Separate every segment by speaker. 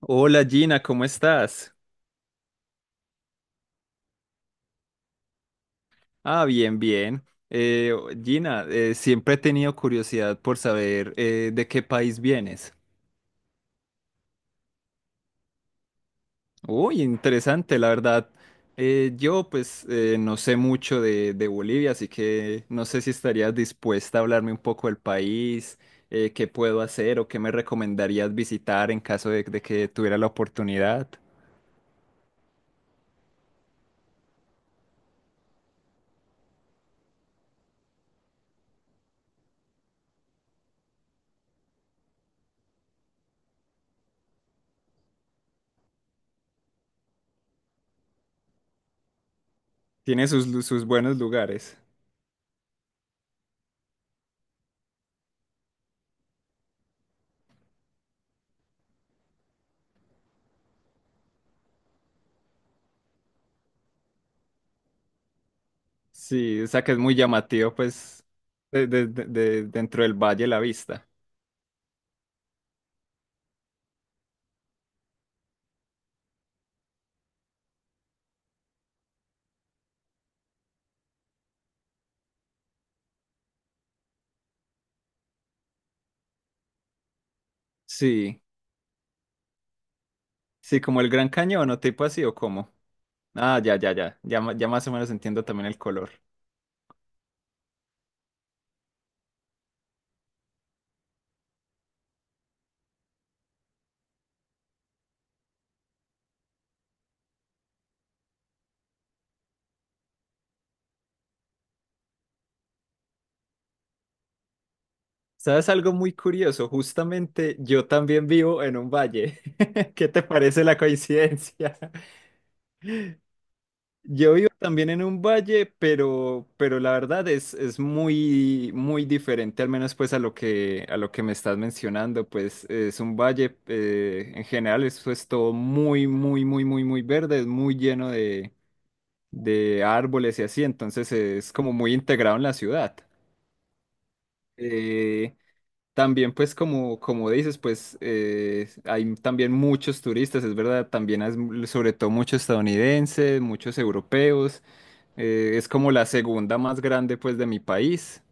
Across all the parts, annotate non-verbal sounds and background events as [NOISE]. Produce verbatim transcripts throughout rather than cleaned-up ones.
Speaker 1: Hola Gina, ¿cómo estás? Ah, bien, bien. Eh, Gina, eh, siempre he tenido curiosidad por saber eh, de qué país vienes. Uy, interesante, la verdad. Eh, yo pues eh, no sé mucho de, de Bolivia, así que no sé si estarías dispuesta a hablarme un poco del país, eh, qué puedo hacer o qué me recomendarías visitar en caso de, de que tuviera la oportunidad. Tiene sus, lu- sus buenos lugares. Sí, o sea que es muy llamativo, pues, de, de- de- de- dentro del valle la vista. Sí, sí, como el Gran Cañón o tipo así o como. Ah, ya, ya, ya, ya, ma- ya más o menos entiendo también el color. ¿Sabes algo muy curioso? Justamente yo también vivo en un valle. [LAUGHS] ¿Qué te parece la coincidencia? Yo vivo también en un valle, pero, pero la verdad es, es muy, muy diferente, al menos pues a lo que, a lo que me estás mencionando, pues es un valle, eh, en general eso es todo muy, muy, muy, muy, muy verde, es muy lleno de, de árboles y así, entonces es como muy integrado en la ciudad. Eh, también pues como, como dices, pues eh, hay también muchos turistas, es verdad, también hay sobre todo muchos estadounidenses, muchos europeos. Eh, es como la segunda más grande pues de mi país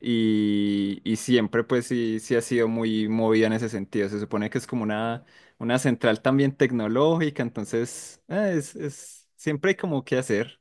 Speaker 1: y, y siempre pues sí, sí ha sido muy movida en ese sentido. Se supone que es como una, una central también tecnológica, entonces eh, es, es- siempre hay como que hacer.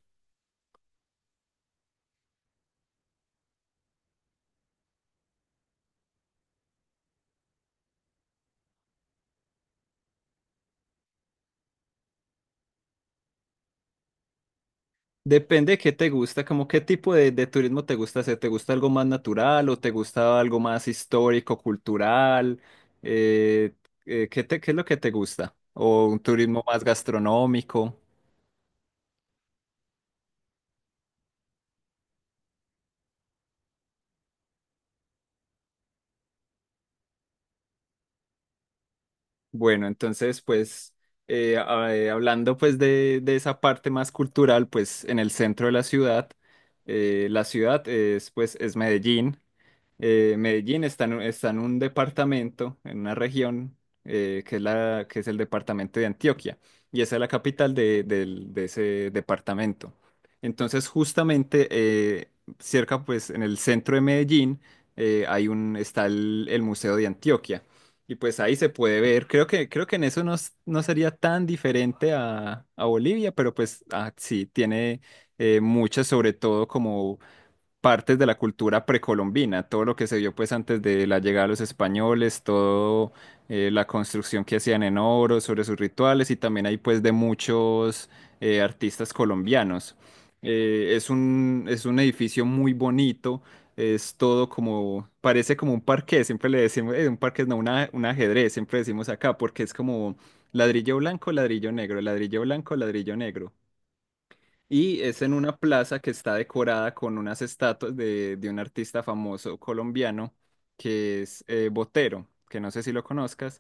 Speaker 1: Depende de qué te gusta, como qué tipo de, de turismo te gusta hacer. ¿Te gusta algo más natural o te gusta algo más histórico, cultural? Eh, eh, ¿qué te- qué es lo que te gusta? ¿O un turismo más gastronómico? Bueno, entonces, pues, eh, a- eh, hablando pues de, de esa parte más cultural, pues en el centro de la ciudad, eh, la ciudad es pues es Medellín, eh, Medellín está en, un está en un departamento, en una región, eh, que es la, que es el departamento de Antioquia, y esa es la capital de, del- de ese departamento. Entonces, justamente eh, cerca, pues, en el centro de Medellín, eh, hay un, está el, el Museo de Antioquia. Y pues ahí se puede ver, creo que, creo que en eso no, s- no sería tan diferente a, a Bolivia, pero pues ah, sí, tiene eh, muchas, sobre todo como partes de la cultura precolombina, todo lo que se vio pues antes de la llegada de los españoles, todo eh, la construcción que hacían en oro sobre sus rituales y también hay pues de muchos eh, artistas colombianos. Eh, es un, es un edificio muy bonito, es todo como, parece como un parqué, siempre le decimos, eh, un parqué no, una- un ajedrez, siempre decimos acá, porque es como ladrillo blanco, ladrillo negro, ladrillo blanco, ladrillo negro. Y es en una plaza que está decorada con unas estatuas de, de un artista famoso colombiano que es eh, Botero, que no sé si lo conozcas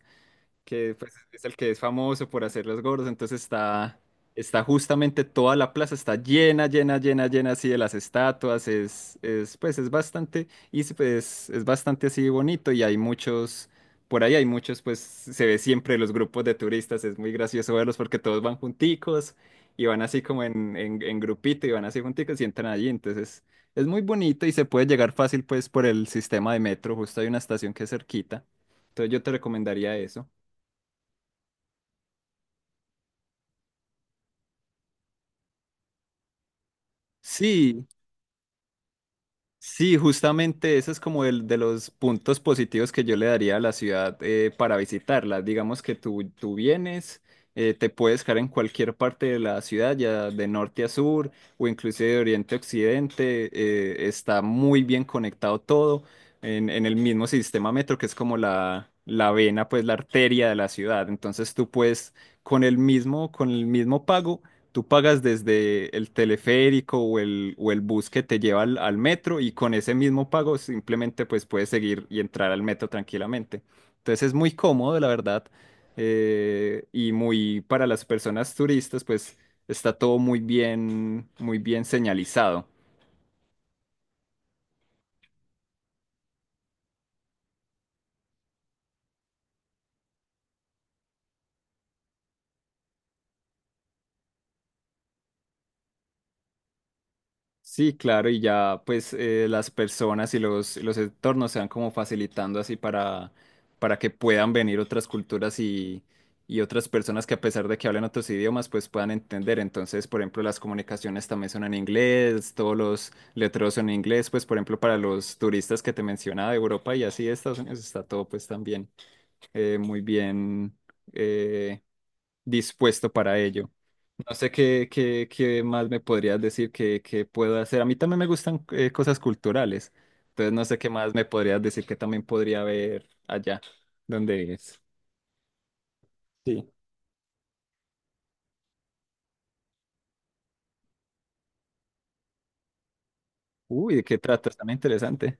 Speaker 1: que pues, es el que es famoso por hacer los gordos, entonces está, está justamente toda la plaza, está llena, llena, llena, llena así de las estatuas, es, es pues es bastante, y se- pues es bastante así bonito y hay muchos, por ahí hay muchos, pues se ve siempre los grupos de turistas, es muy gracioso verlos porque todos van junticos y van así como en, en, en grupito y van así junticos y entran allí, entonces es muy bonito y se puede llegar fácil pues por el sistema de metro, justo hay una estación que es cerquita, entonces yo te recomendaría eso. Sí, sí, justamente eso es como el de los puntos positivos que yo le daría a la ciudad eh, para visitarla. Digamos que tú, tú vienes, eh, te puedes quedar en cualquier parte de la ciudad, ya de norte a sur o inclusive de oriente a occidente, eh, está muy bien conectado todo en, en el mismo sistema metro que es como la, la vena, pues la arteria de la ciudad. Entonces tú puedes con el mismo, con el mismo pago. Tú pagas desde el teleférico o el, o el bus que te lleva al, al metro y con ese mismo pago simplemente pues puedes seguir y entrar al metro tranquilamente. Entonces es muy cómodo, la verdad, eh, y muy para las personas turistas pues está todo muy bien, muy bien señalizado. Sí, claro, y ya pues eh, las personas y los, los entornos se van como facilitando así para, para que puedan venir otras culturas y, y otras personas que a pesar de que hablen otros idiomas pues puedan entender. Entonces, por ejemplo, las comunicaciones también son en inglés, todos los letreros son en inglés, pues por ejemplo para los turistas que te mencionaba de Europa y así de Estados Unidos está todo pues también eh, muy bien eh, dispuesto para ello. No sé qué, qué, qué más me podrías decir que, que puedo hacer. A mí también me gustan eh, cosas culturales. Entonces no sé qué más me podrías decir que también podría ver allá donde es. Sí. Uy, ¿de qué trata? Está muy interesante.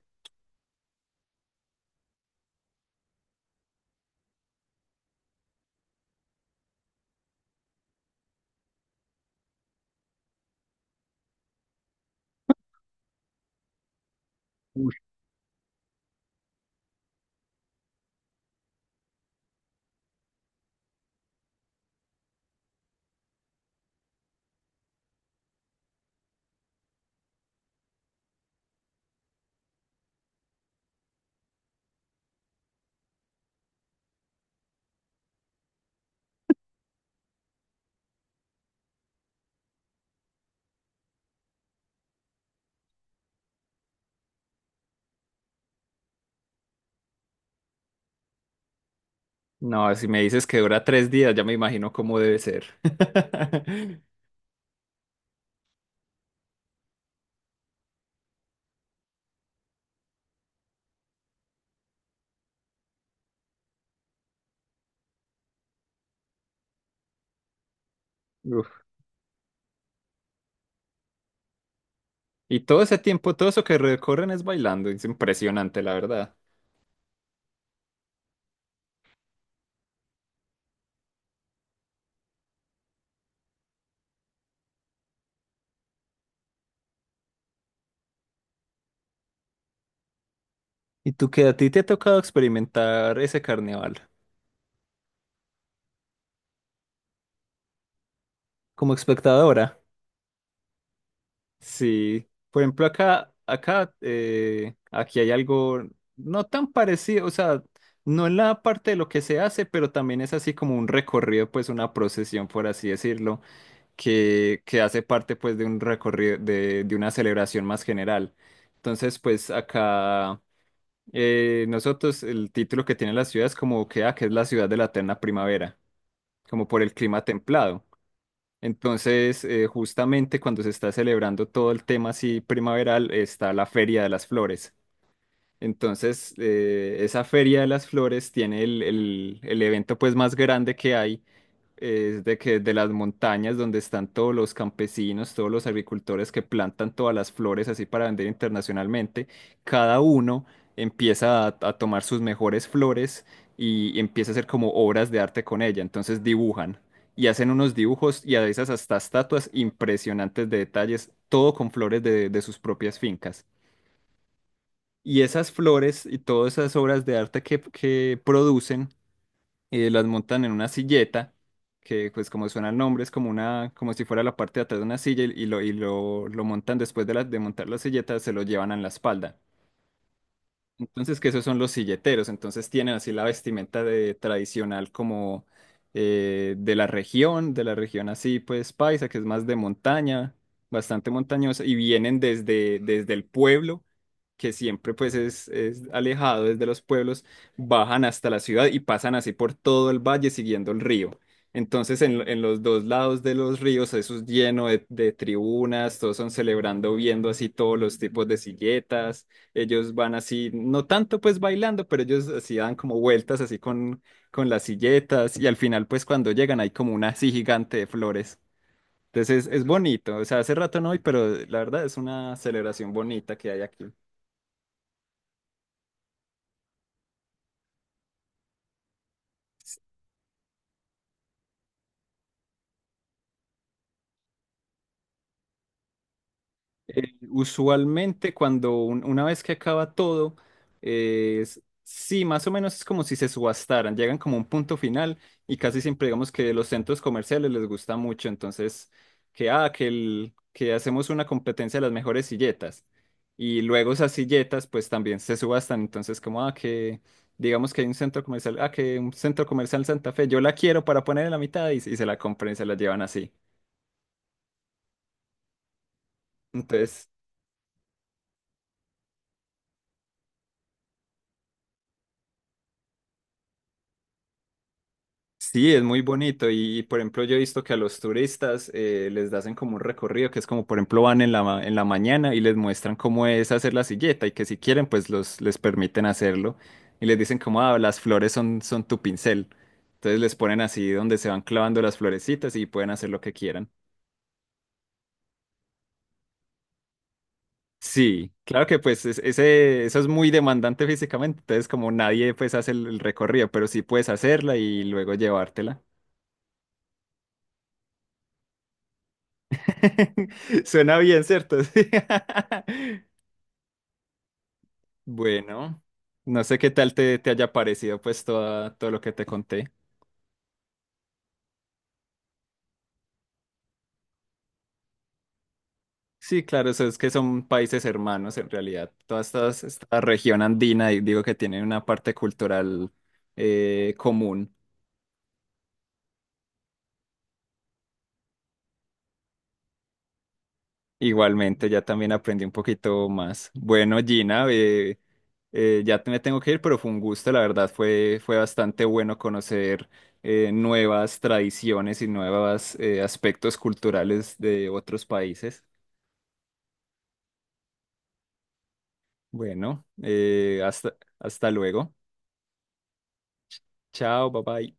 Speaker 1: Uy. No, si me dices que dura tres días, ya me imagino cómo debe ser. [LAUGHS] Uf. Y todo ese tiempo, todo eso que recorren es bailando. Es impresionante, la verdad. ¿Y tú qué a ti te ha tocado experimentar ese carnaval como espectadora? Sí, por ejemplo, acá, acá, eh, aquí hay algo no tan parecido, o sea, no en la parte de lo que se hace, pero también es así como un recorrido, pues una procesión, por así decirlo, que, que hace parte pues de un recorrido, de, de una celebración más general. Entonces, pues acá eh, nosotros, el título que tiene la ciudad es como que, ah, que es la ciudad de la eterna primavera, como por el clima templado. Entonces, eh, justamente cuando se está celebrando todo el tema así primaveral, está la Feria de las Flores. Entonces, eh, esa Feria de las Flores tiene el, el- el evento pues más grande que hay, es de que de las montañas donde están todos los campesinos, todos los agricultores que plantan todas las flores así para vender internacionalmente, cada uno empieza a, a tomar sus mejores flores y empieza a hacer como obras de arte con ella. Entonces dibujan y hacen unos dibujos y a veces hasta estatuas impresionantes de detalles, todo con flores de, de sus propias fincas. Y esas flores y todas esas obras de arte que, que producen eh, las montan en una silleta, que pues como suena el nombre, es como una, como si fuera la parte de atrás de una silla y, y lo, y lo, lo montan después de, la- de montar la silleta, se lo llevan en la espalda. Entonces, que esos son los silleteros, entonces tienen así la vestimenta de tradicional como eh, de la región, de la región así pues paisa, que es más de montaña, bastante montañosa, y vienen desde, desde el pueblo que siempre pues es, es alejado desde los pueblos, bajan hasta la ciudad y pasan así por todo el valle siguiendo el río. Entonces en, lo- en los dos lados de los ríos eso es lleno de, de tribunas, todos son celebrando, viendo así todos los tipos de silletas, ellos van así, no tanto pues bailando, pero ellos así dan como vueltas así con, con las silletas y al final pues cuando llegan hay como una así gigante de flores. Entonces es, es bonito, o sea, hace rato no voy, pero la verdad es una celebración bonita que hay aquí. Usualmente cuando un- una vez que acaba todo, eh, es- sí, más o menos es como si se subastaran, llegan como a un punto final y casi siempre digamos que los centros comerciales les gusta mucho, entonces que, ah, que, el- que hacemos una competencia de las mejores silletas y luego esas silletas pues también se subastan, entonces como, ah, que digamos que hay un centro comercial, ah, que un centro comercial Santa Fe, yo la quiero para poner en la mitad y, y se la compran y se la llevan así. Entonces, sí, es muy bonito y, por ejemplo yo he visto que a los turistas eh, les hacen como un recorrido que es como por ejemplo van en la, ma- en la mañana y les muestran cómo es hacer la silleta y que si quieren pues los, les permiten hacerlo y les dicen como ah, las flores son, son tu pincel. Entonces les ponen así donde se van clavando las florecitas y pueden hacer lo que quieran. Sí, claro que pues es- ese, eso es muy demandante físicamente, entonces como nadie pues hace el el recorrido, pero sí puedes hacerla y luego llevártela. [LAUGHS] Suena bien, ¿cierto? [LAUGHS] Sí. Bueno, no sé qué tal te, te haya parecido pues toda- todo lo que te conté. Sí, claro, eso es que son países hermanos en realidad. Toda esta, esta región andina, y digo que tiene una parte cultural eh, común. Igualmente, ya también aprendí un poquito más. Bueno, Gina, eh, eh, ya te- me tengo que ir, pero fue un gusto, la verdad, fue, fue bastante bueno conocer eh, nuevas tradiciones y nuevos aspectos culturales de otros países. Bueno, eh, hasta, hasta luego. Chao, bye bye.